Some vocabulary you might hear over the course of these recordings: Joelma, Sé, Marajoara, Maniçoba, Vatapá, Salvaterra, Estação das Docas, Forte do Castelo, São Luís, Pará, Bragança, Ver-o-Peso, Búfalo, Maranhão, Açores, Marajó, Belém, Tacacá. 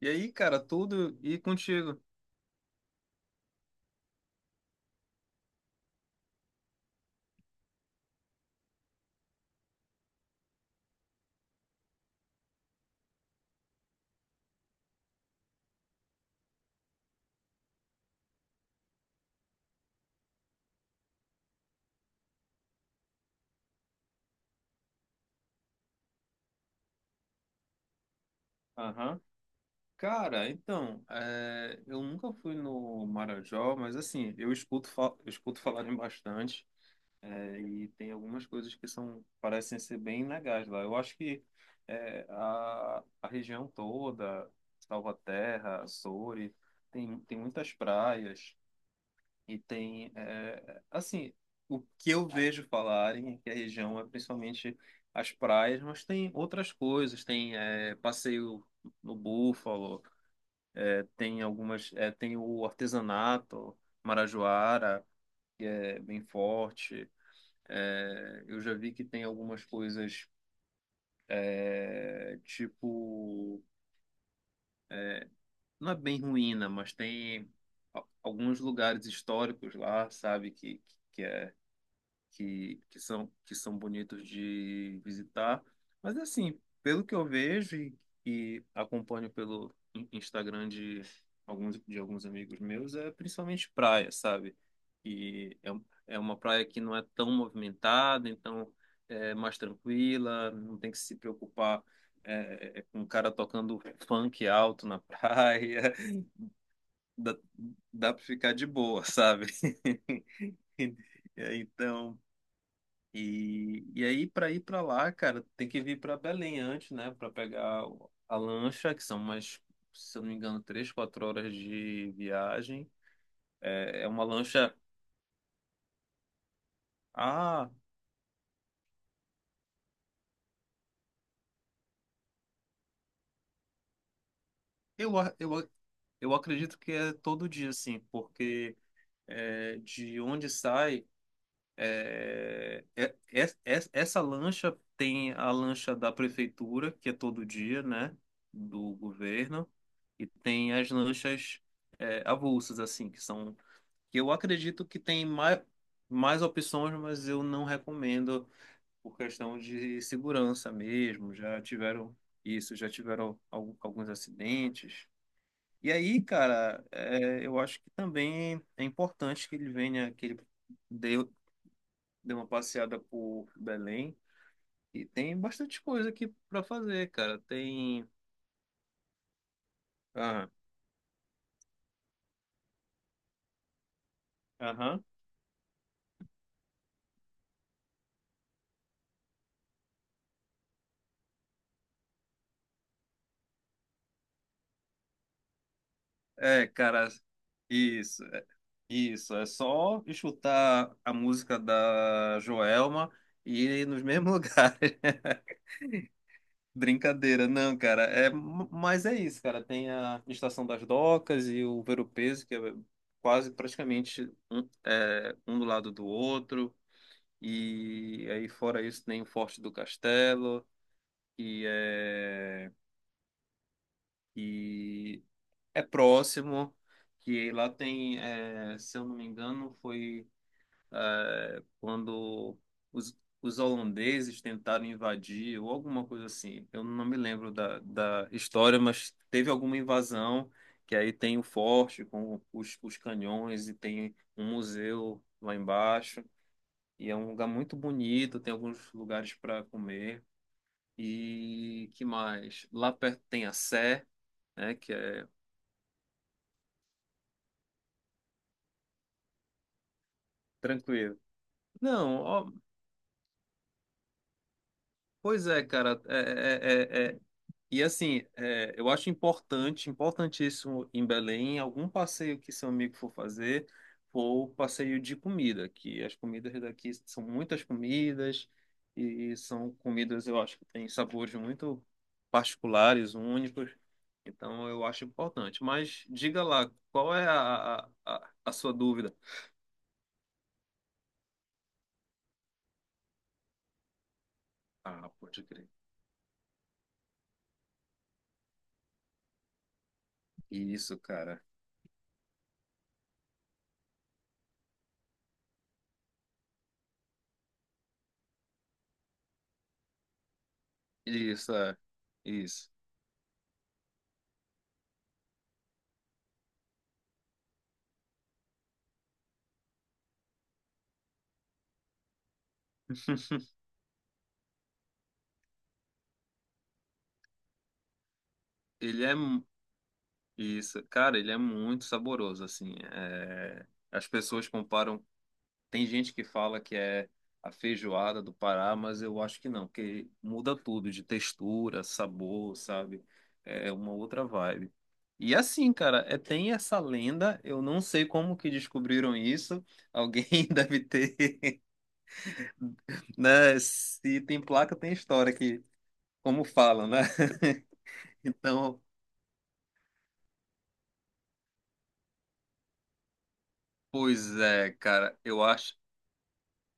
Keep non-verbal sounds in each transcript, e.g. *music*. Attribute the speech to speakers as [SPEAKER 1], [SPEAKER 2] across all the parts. [SPEAKER 1] E aí, cara, tudo e contigo? Aham. Cara, então, eu nunca fui no Marajó, mas assim, eu escuto falarem bastante, e tem algumas coisas que são, parecem ser bem legais lá. Eu acho que a região toda, Salvaterra, Açores, tem muitas praias. Assim, o que eu vejo falarem é que a região é principalmente as praias, mas tem outras coisas, tem passeio no Búfalo, tem o artesanato, Marajoara, é bem forte. Eu já vi que tem algumas coisas, tipo, não é bem ruína, mas tem alguns lugares históricos lá, sabe, que é que são bonitos de visitar. Mas assim, pelo que eu vejo e acompanho pelo Instagram de alguns amigos meus, é principalmente praia, sabe? É uma praia que não é tão movimentada, então é mais tranquila, não tem que se preocupar com um cara tocando funk alto na praia. *laughs* Dá, dá para ficar de boa, sabe? *laughs* Então, e aí, para ir para lá, cara, tem que vir para Belém antes, né? Para pegar a lancha, que são umas, se eu não me engano, 3, 4 horas de viagem. É, é uma lancha. Ah, eu, a- eu, a- eu acredito que é todo dia, assim, porque de onde sai. Essa lancha tem a lancha da prefeitura, que é todo dia, né? Do governo, e tem as lanchas avulsas, assim, que eu acredito que tem mais opções, mas eu não recomendo por questão de segurança mesmo. Já tiveram alguns acidentes. E aí, cara, eu acho que também é importante que ele venha, que ele dê, dê uma passeada por Belém. E tem bastante coisa aqui para fazer, cara. Tem. Aham. Aham. É, cara, isso. Isso, é só escutar a música da Joelma e ir nos mesmos *laughs* lugares. Brincadeira, não, cara. É, mas é isso, cara. Tem a Estação das Docas e o Ver-o-Peso, que é quase praticamente um do lado do outro. E aí, fora isso, tem o Forte do Castelo, que é, que é próximo. Que lá tem, se eu não me engano, quando os, os holandeses tentaram invadir ou alguma coisa assim. Eu não me lembro da história, mas teve alguma invasão que aí tem o forte com os canhões e tem um museu lá embaixo. E é um lugar muito bonito, tem alguns lugares para comer. E que mais? Lá perto tem a Sé, né, que é tranquilo. Não, ó, pois é, cara, é, é, é, e assim, eu acho importante, importantíssimo em Belém, algum passeio que seu amigo for fazer, for passeio de comida, que as comidas daqui são muitas comidas e são comidas, eu acho que têm sabores muito particulares, únicos. Então eu acho importante. Mas diga lá, qual é a sua dúvida? Ah, pode crer. Isso, cara. Isso, é. Isso. Ele é. Isso, cara, ele é muito saboroso, assim. As pessoas comparam. Tem gente que fala que é a feijoada do Pará, mas eu acho que não, porque muda tudo de textura, sabor, sabe? É uma outra vibe. E assim, cara, tem essa lenda. Eu não sei como que descobriram isso. Alguém *laughs* deve ter, né? Se tem placa, tem história que, como falam, né? *laughs* Então, pois é, cara, eu acho.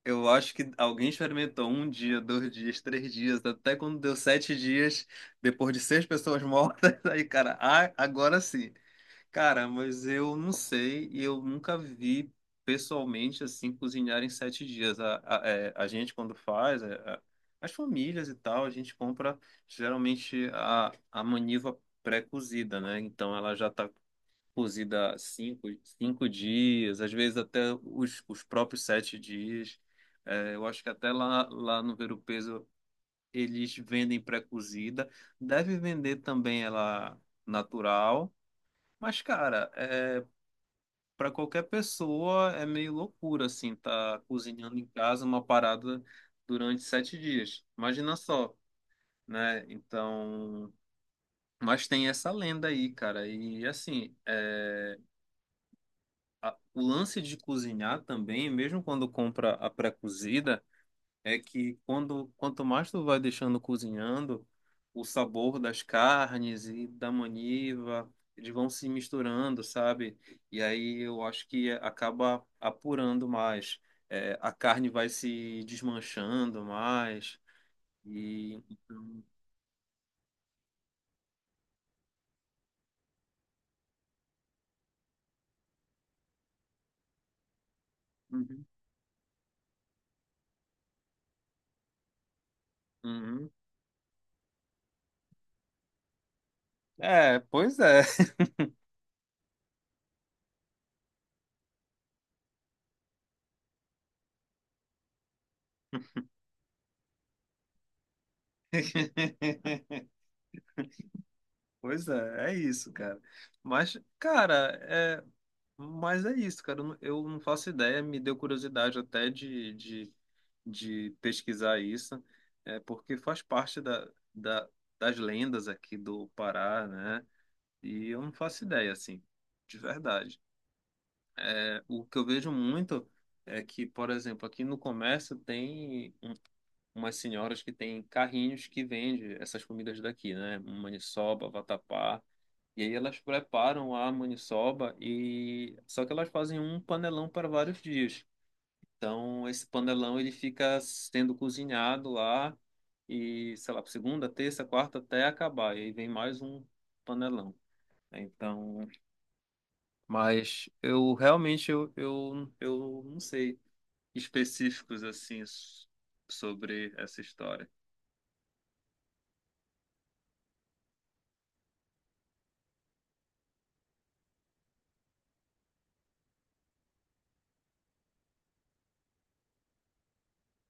[SPEAKER 1] Eu acho que alguém experimentou um dia, 2 dias, 3 dias, até quando deu 7 dias, depois de seis pessoas mortas, *laughs* aí, cara, ah, agora sim. Cara, mas eu não sei e eu nunca vi pessoalmente assim cozinhar em 7 dias. A gente, quando faz, as famílias e tal, a gente compra geralmente a maniva pré-cozida, né? Então ela já tá cozida cinco dias, às vezes até os próprios 7 dias. É, eu acho que até lá no Ver o Peso eles vendem pré-cozida. Deve vender também ela natural. Mas, cara, para qualquer pessoa é meio loucura, assim, tá cozinhando em casa uma parada durante 7 dias. Imagina só, né? Então. Mas tem essa lenda aí, cara. E assim, o lance de cozinhar também, mesmo quando compra a pré-cozida, é que quanto mais tu vai deixando cozinhando, o sabor das carnes e da maniva, eles vão se misturando, sabe? E aí eu acho que acaba apurando mais. É, a carne vai se desmanchando mais. E, então, uhum, uhum. É, pois é. *laughs* Pois é, é isso, cara. Mas, cara, mas é isso, cara. Eu não faço ideia, me deu curiosidade até de pesquisar isso, porque faz parte das lendas aqui do Pará, né? E eu não faço ideia, assim, de verdade. É, o que eu vejo muito é que, por exemplo, aqui no comércio tem umas senhoras que têm carrinhos que vendem essas comidas daqui, né? Maniçoba, vatapá. E aí elas preparam a maniçoba e só que elas fazem um panelão para vários dias. Então esse panelão ele fica sendo cozinhado lá e sei lá, segunda, terça, quarta até acabar. E aí vem mais um panelão. Né? Então, mas eu realmente eu não sei específicos assim sobre essa história.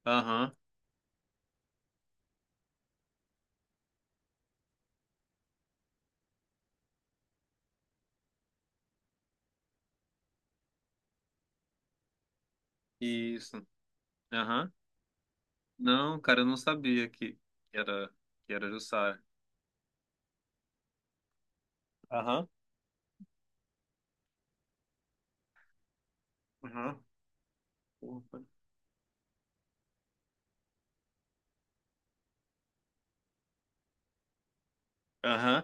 [SPEAKER 1] Aham, isso. Aham. Não, cara, eu não sabia que era que era Jussara. Aham. Aham. Opa. Aham.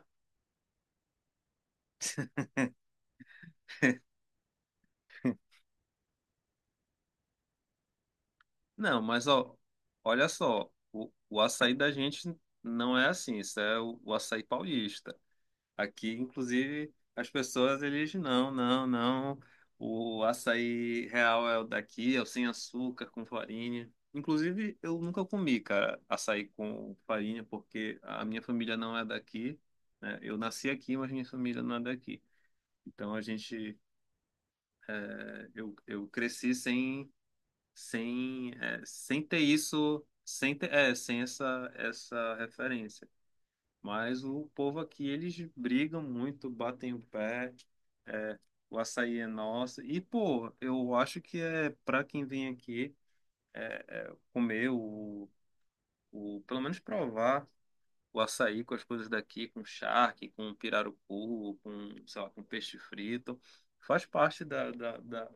[SPEAKER 1] Não, mas ó, olha só, o açaí da gente não é assim, isso é o açaí paulista. Aqui, inclusive, as pessoas eles não, não, não. O açaí real é o daqui, é o sem açúcar, com farinha. Inclusive, eu nunca comi, cara, açaí com farinha, porque a minha família não é daqui, né? Eu nasci aqui, mas minha família não é daqui. Então a gente, eh, eu cresci sem sem ter isso, sem ter, sem essa referência. Mas o povo aqui, eles brigam muito, batem o pé, é, o açaí é nosso. E, pô, eu acho que é para quem vem aqui comer pelo menos provar o açaí com as coisas daqui, com charque, com pirarucu, com, sei lá, com peixe frito. Faz parte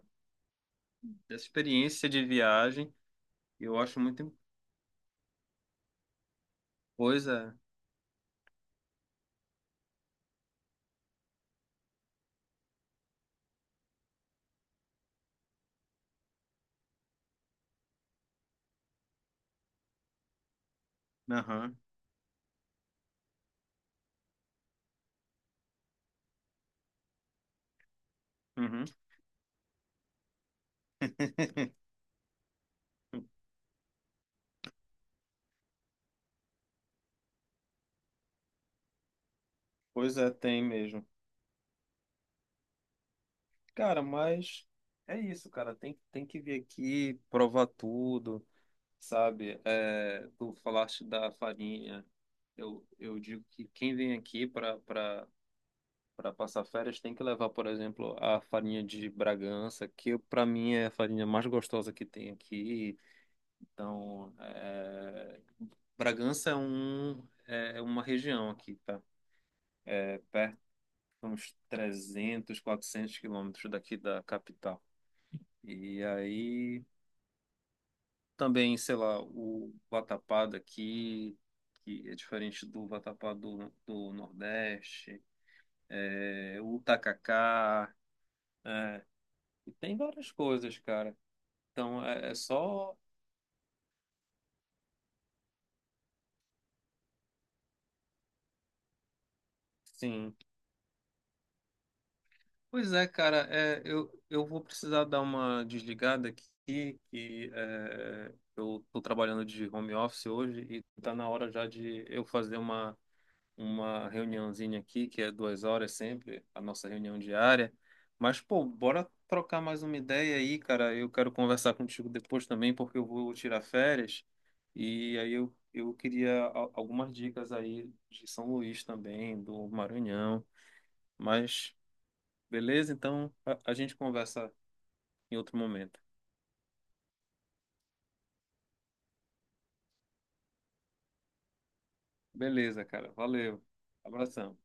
[SPEAKER 1] dessa experiência de viagem. Eu acho muito coisa. Aham, uhum. Pois é, tem mesmo. Cara, mas é isso, cara. Tem que vir aqui, provar tudo, sabe? É, tu falaste da farinha. Eu digo que quem vem aqui para passar férias tem que levar, por exemplo, a farinha de Bragança, que para mim é a farinha mais gostosa que tem aqui. Então, Bragança é uma região aqui, tá? É, uns 300, 400 quilômetros daqui da capital. E aí também, sei lá, o Vatapá daqui, que é diferente do Vatapá do Nordeste, o Tacacá, é, e tem várias coisas, cara. Então é só, sim. Pois é, cara, eu vou precisar dar uma desligada aqui, eu tô trabalhando de home office hoje e tá na hora já de eu fazer uma reuniãozinha aqui, que é 2 horas sempre, a nossa reunião diária. Mas, pô, bora trocar mais uma ideia aí, cara. Eu quero conversar contigo depois também, porque eu vou tirar férias. E aí eu queria algumas dicas aí de São Luís também, do Maranhão. Mas, beleza? Então a gente conversa em outro momento. Beleza, cara. Valeu. Abração.